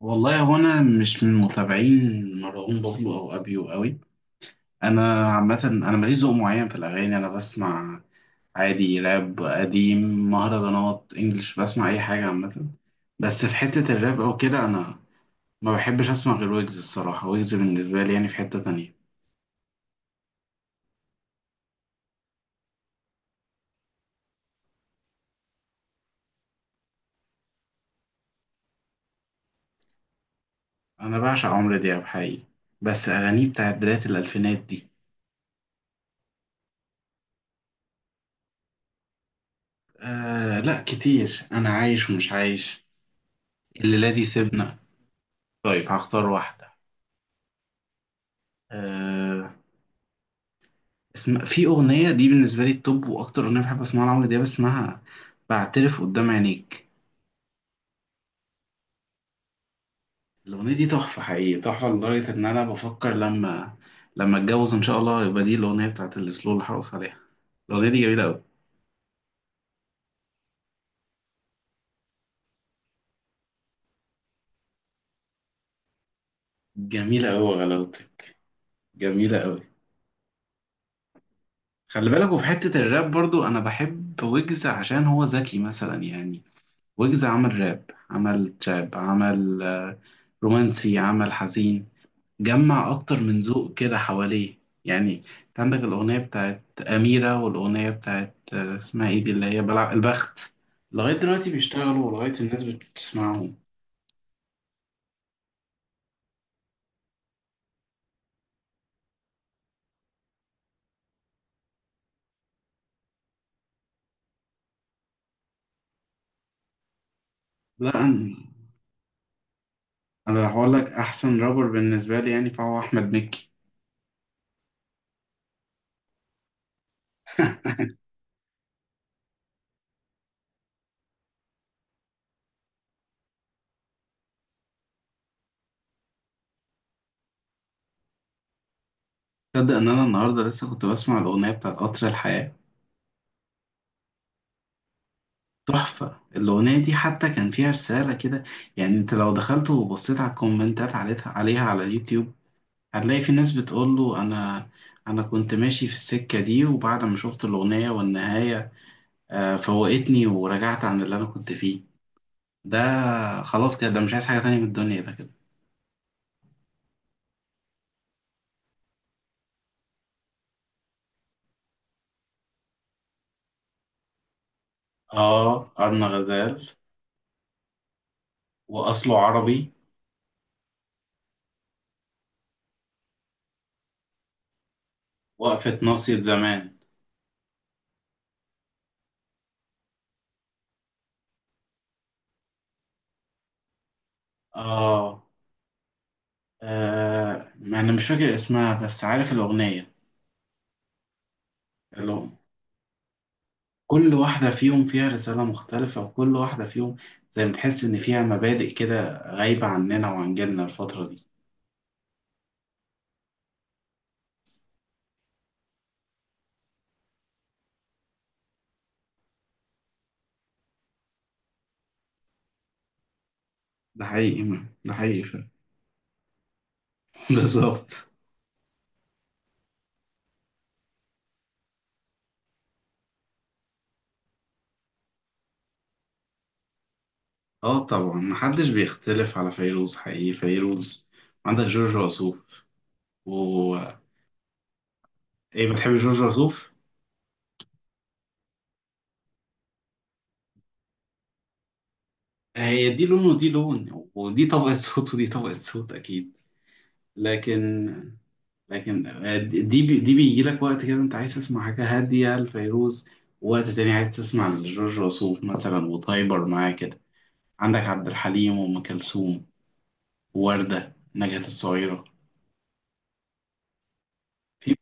والله هو انا مش من متابعين مروان بابلو او ابيو قوي. انا عامه، انا ماليش ذوق معين في الاغاني، انا بسمع عادي راب قديم، مهرجانات، انجلش، بسمع اي حاجه عامه. بس في حته الراب او كده انا ما بحبش اسمع غير ويجز الصراحه. ويجز بالنسبه لي يعني في حته تانية. انا بعشق عمرو دياب حقيقي، بس اغانيه بتاعت بدايه الالفينات دي. آه لا كتير، انا عايش ومش عايش، الليله دي سيبنا. طيب هختار واحده. آه، اسم... في أغنية دي بالنسبة لي التوب، وأكتر أغنية بحب أسمعها لعمرو دياب اسمها بعترف قدام عينيك. الأغنية دي تحفة حقيقي، تحفة لدرجة إن أنا بفكر لما أتجوز إن شاء الله يبقى دي الأغنية بتاعت السلو اللي هرقص عليها. الأغنية دي جميلة أوي. جميلة أوي غلاوتك. جميلة أوي. خلي بالك، وفي حتة الراب برضو أنا بحب ويجز عشان هو ذكي مثلا يعني. ويجز عمل راب، عمل تراب، عمل رومانسي، عمل حزين، جمع أكتر من ذوق كده حواليه يعني. أنت عندك الأغنية بتاعت أميرة والأغنية بتاعت اسمها إيه دي اللي هي بلع البخت. لغاية دلوقتي بيشتغلوا، ولغاية الناس بتسمعهم. لا أنا، أنا لو هقول لك أحسن رابر بالنسبة لي يعني فهو أحمد مكي. تصدق إن أنا النهاردة لسه كنت بسمع الأغنية بتاعت قطر الحياة. تحفة الأغنية دي، حتى كان فيها رسالة كده يعني. أنت لو دخلت وبصيت على الكومنتات عليها على اليوتيوب هتلاقي في ناس بتقول له انا، انا كنت ماشي في السكة دي، وبعد ما شفت الأغنية والنهاية فوقتني ورجعت عن اللي انا كنت فيه ده. خلاص كده، ده مش عايز حاجة تانية من الدنيا ده كده. اه، أرنا غزال. وأصله عربي. وقفة ناصية زمان. اه. ما انا مش فاكر اسمها بس عارف الأغنية. اللي كل واحدة فيهم فيها رسالة مختلفة، وكل واحدة فيهم زي ما تحس إن فيها مبادئ كده غايبة عننا وعن جيلنا الفترة دي. ده حقيقي. ده حقيقي فعلا. بالظبط. اه طبعا محدش بيختلف على فيروز حقيقي، فيروز. عندك جورج وسوف، و... ايه، بتحب جورج وسوف؟ هي دي لون ودي لون، ودي طبقة صوت ودي طبقة صوت اكيد. لكن، لكن دي بي... دي بيجي لك وقت كده انت عايز تسمع حاجة هادية لفيروز، ووقت تاني عايز تسمع لجورج وسوف مثلا وتايبر معاه كده. عندك عبد الحليم وأم كلثوم، ووردة، نجاة الصغيرة. في...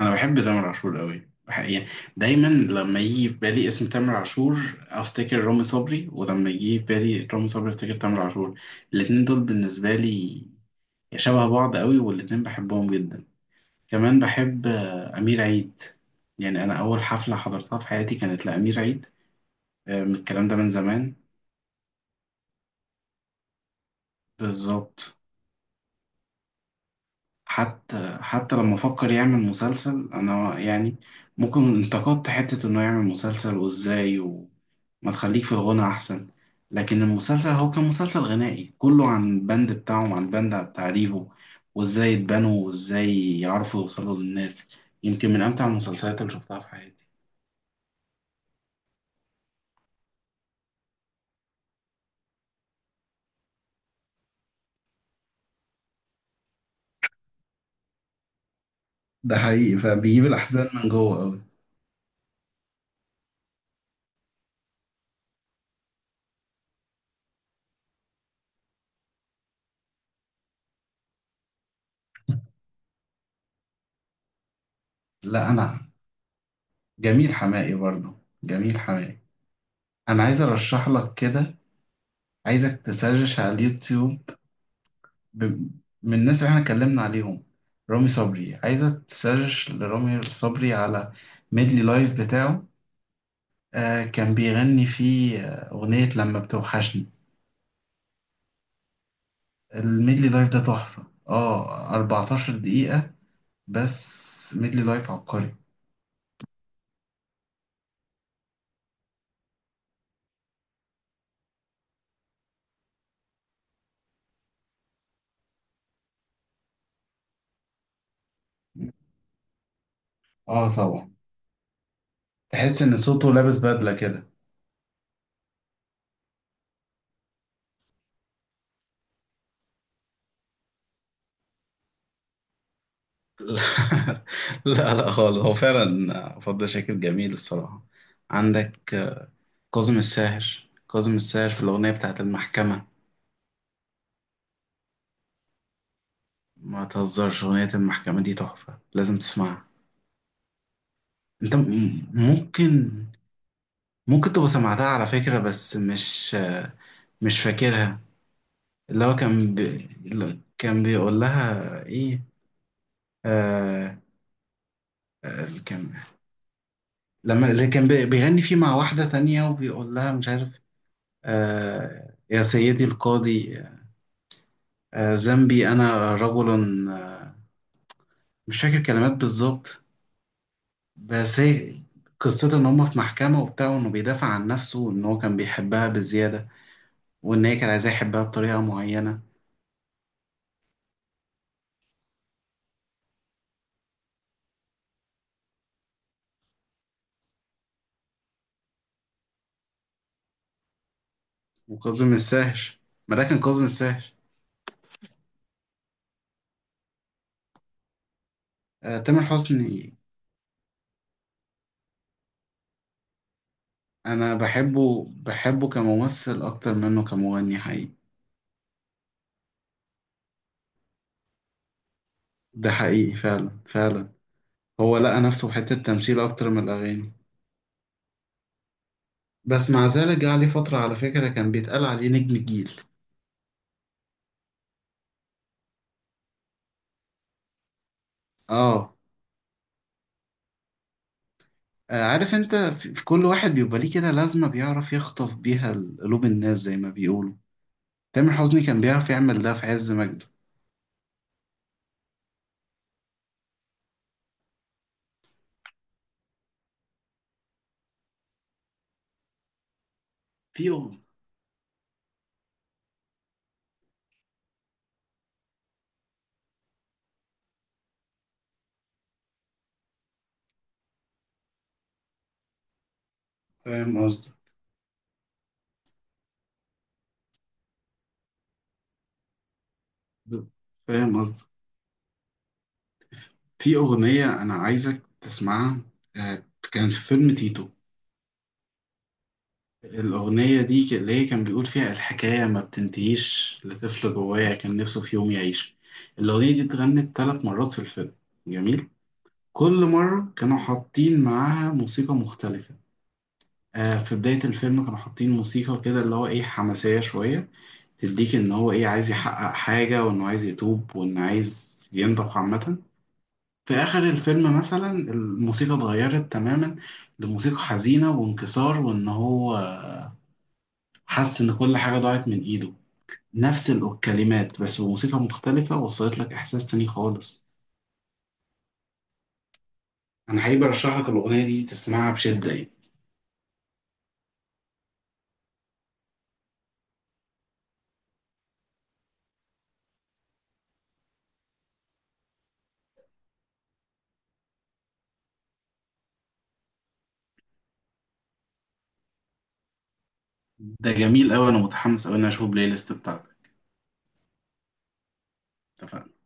انا بحب تامر عاشور قوي يعني. دايما لما يجي في بالي اسم تامر عاشور افتكر رامي صبري، ولما يجي في بالي رامي صبري افتكر تامر عاشور. الاتنين دول بالنسبه لي شبه بعض قوي، والاتنين بحبهم جدا. كمان بحب امير عيد. يعني انا اول حفله حضرتها في حياتي كانت لامير عيد، من الكلام ده من زمان. بالظبط. حتى لما فكر يعمل مسلسل انا يعني ممكن انتقدت حتة انه يعمل مسلسل وازاي، وما تخليك في الغنى احسن. لكن المسلسل هو كان مسلسل غنائي كله عن البند بتاعهم، عن البند بتاع ريفو، وازاي اتبنوا وازاي يعرفوا يوصلوا للناس. يمكن من امتع المسلسلات اللي شفتها في حياتي. ده حقيقي، فبيجيب الأحزان من جوه أوي. لا أنا، جميل حمائي برضه، جميل حمائي. أنا عايز أرشح لك كده، عايزك تسرش على اليوتيوب. ب... من الناس اللي احنا اتكلمنا عليهم، رامي صبري، عايزة تسيرش لرامي صبري على ميدلي لايف بتاعه. آه كان بيغني فيه أغنية لما بتوحشني. الميدلي لايف ده تحفة، اه 14 دقيقة، بس ميدلي لايف عبقري. اه طبعا. تحس ان صوته لابس بدلة كده. لا لا لا خالص، هو فعلا فضل شاكر جميل الصراحة. عندك كاظم الساهر. كاظم الساهر في الأغنية بتاعت المحكمة، ما تهزرش، أغنية المحكمة دي تحفة لازم تسمعها. أنت ممكن، ممكن تبقى سمعتها على فكرة، بس مش فاكرها. اللي هو اللي كان بيقول لها إيه؟ آه... آه... كان... لما اللي بيغني فيه مع واحدة تانية وبيقول لها مش عارف، آه... يا سيدي القاضي، آه... ذنبي أنا رجل آه... مش فاكر كلمات بالظبط. بس هي قصته ان هما في محكمة وبتاع، وانه بيدافع عن نفسه، وان هو كان بيحبها بزيادة، وان هي كان عايزاه يحبها بطريقة معينة. وكاظم الساهر. ما ده كان كاظم الساهر. آه تامر حسني. انا بحبه، بحبه كممثل اكتر منه كمغني حقيقي. ده حقيقي فعلا، فعلا. هو لقى نفسه في حتة تمثيل اكتر من الاغاني، بس مع ذلك جه عليه فترة على فكرة كان بيتقال عليه نجم الجيل. اه، عارف انت، في كل واحد بيبقى ليه كده لازمة بيعرف يخطف بيها قلوب الناس زي ما بيقولوا. تامر حسني كان بيعرف يعمل ده في عز مجده. في أغنية، فاهم قصدي. فاهم قصدي. في أغنية أنا عايزك تسمعها. آه، كان في فيلم تيتو. الأغنية دي اللي هي كان بيقول فيها الحكاية ما بتنتهيش، لطفل جوايا كان نفسه في يوم يعيش. الأغنية دي اتغنت 3 مرات في الفيلم، جميل. كل مرة كانوا حاطين معاها موسيقى مختلفة. في بداية الفيلم كانوا حاطين موسيقى كده اللي هو ايه حماسية شوية، تديك ان هو ايه عايز يحقق حاجة وانه عايز يتوب وانه عايز ينضف عامة. في اخر الفيلم مثلا الموسيقى اتغيرت تماما لموسيقى حزينة وانكسار، وان هو حس ان كل حاجة ضاعت من ايده. نفس الكلمات بس بموسيقى مختلفة وصلت لك احساس تاني خالص. انا حقيقي برشح لك الاغنية دي تسمعها بشدة يعني. ده جميل اوي، انا متحمس اوي ان أنا اشوف البلاي ليست بتاعتك. اتفقنا.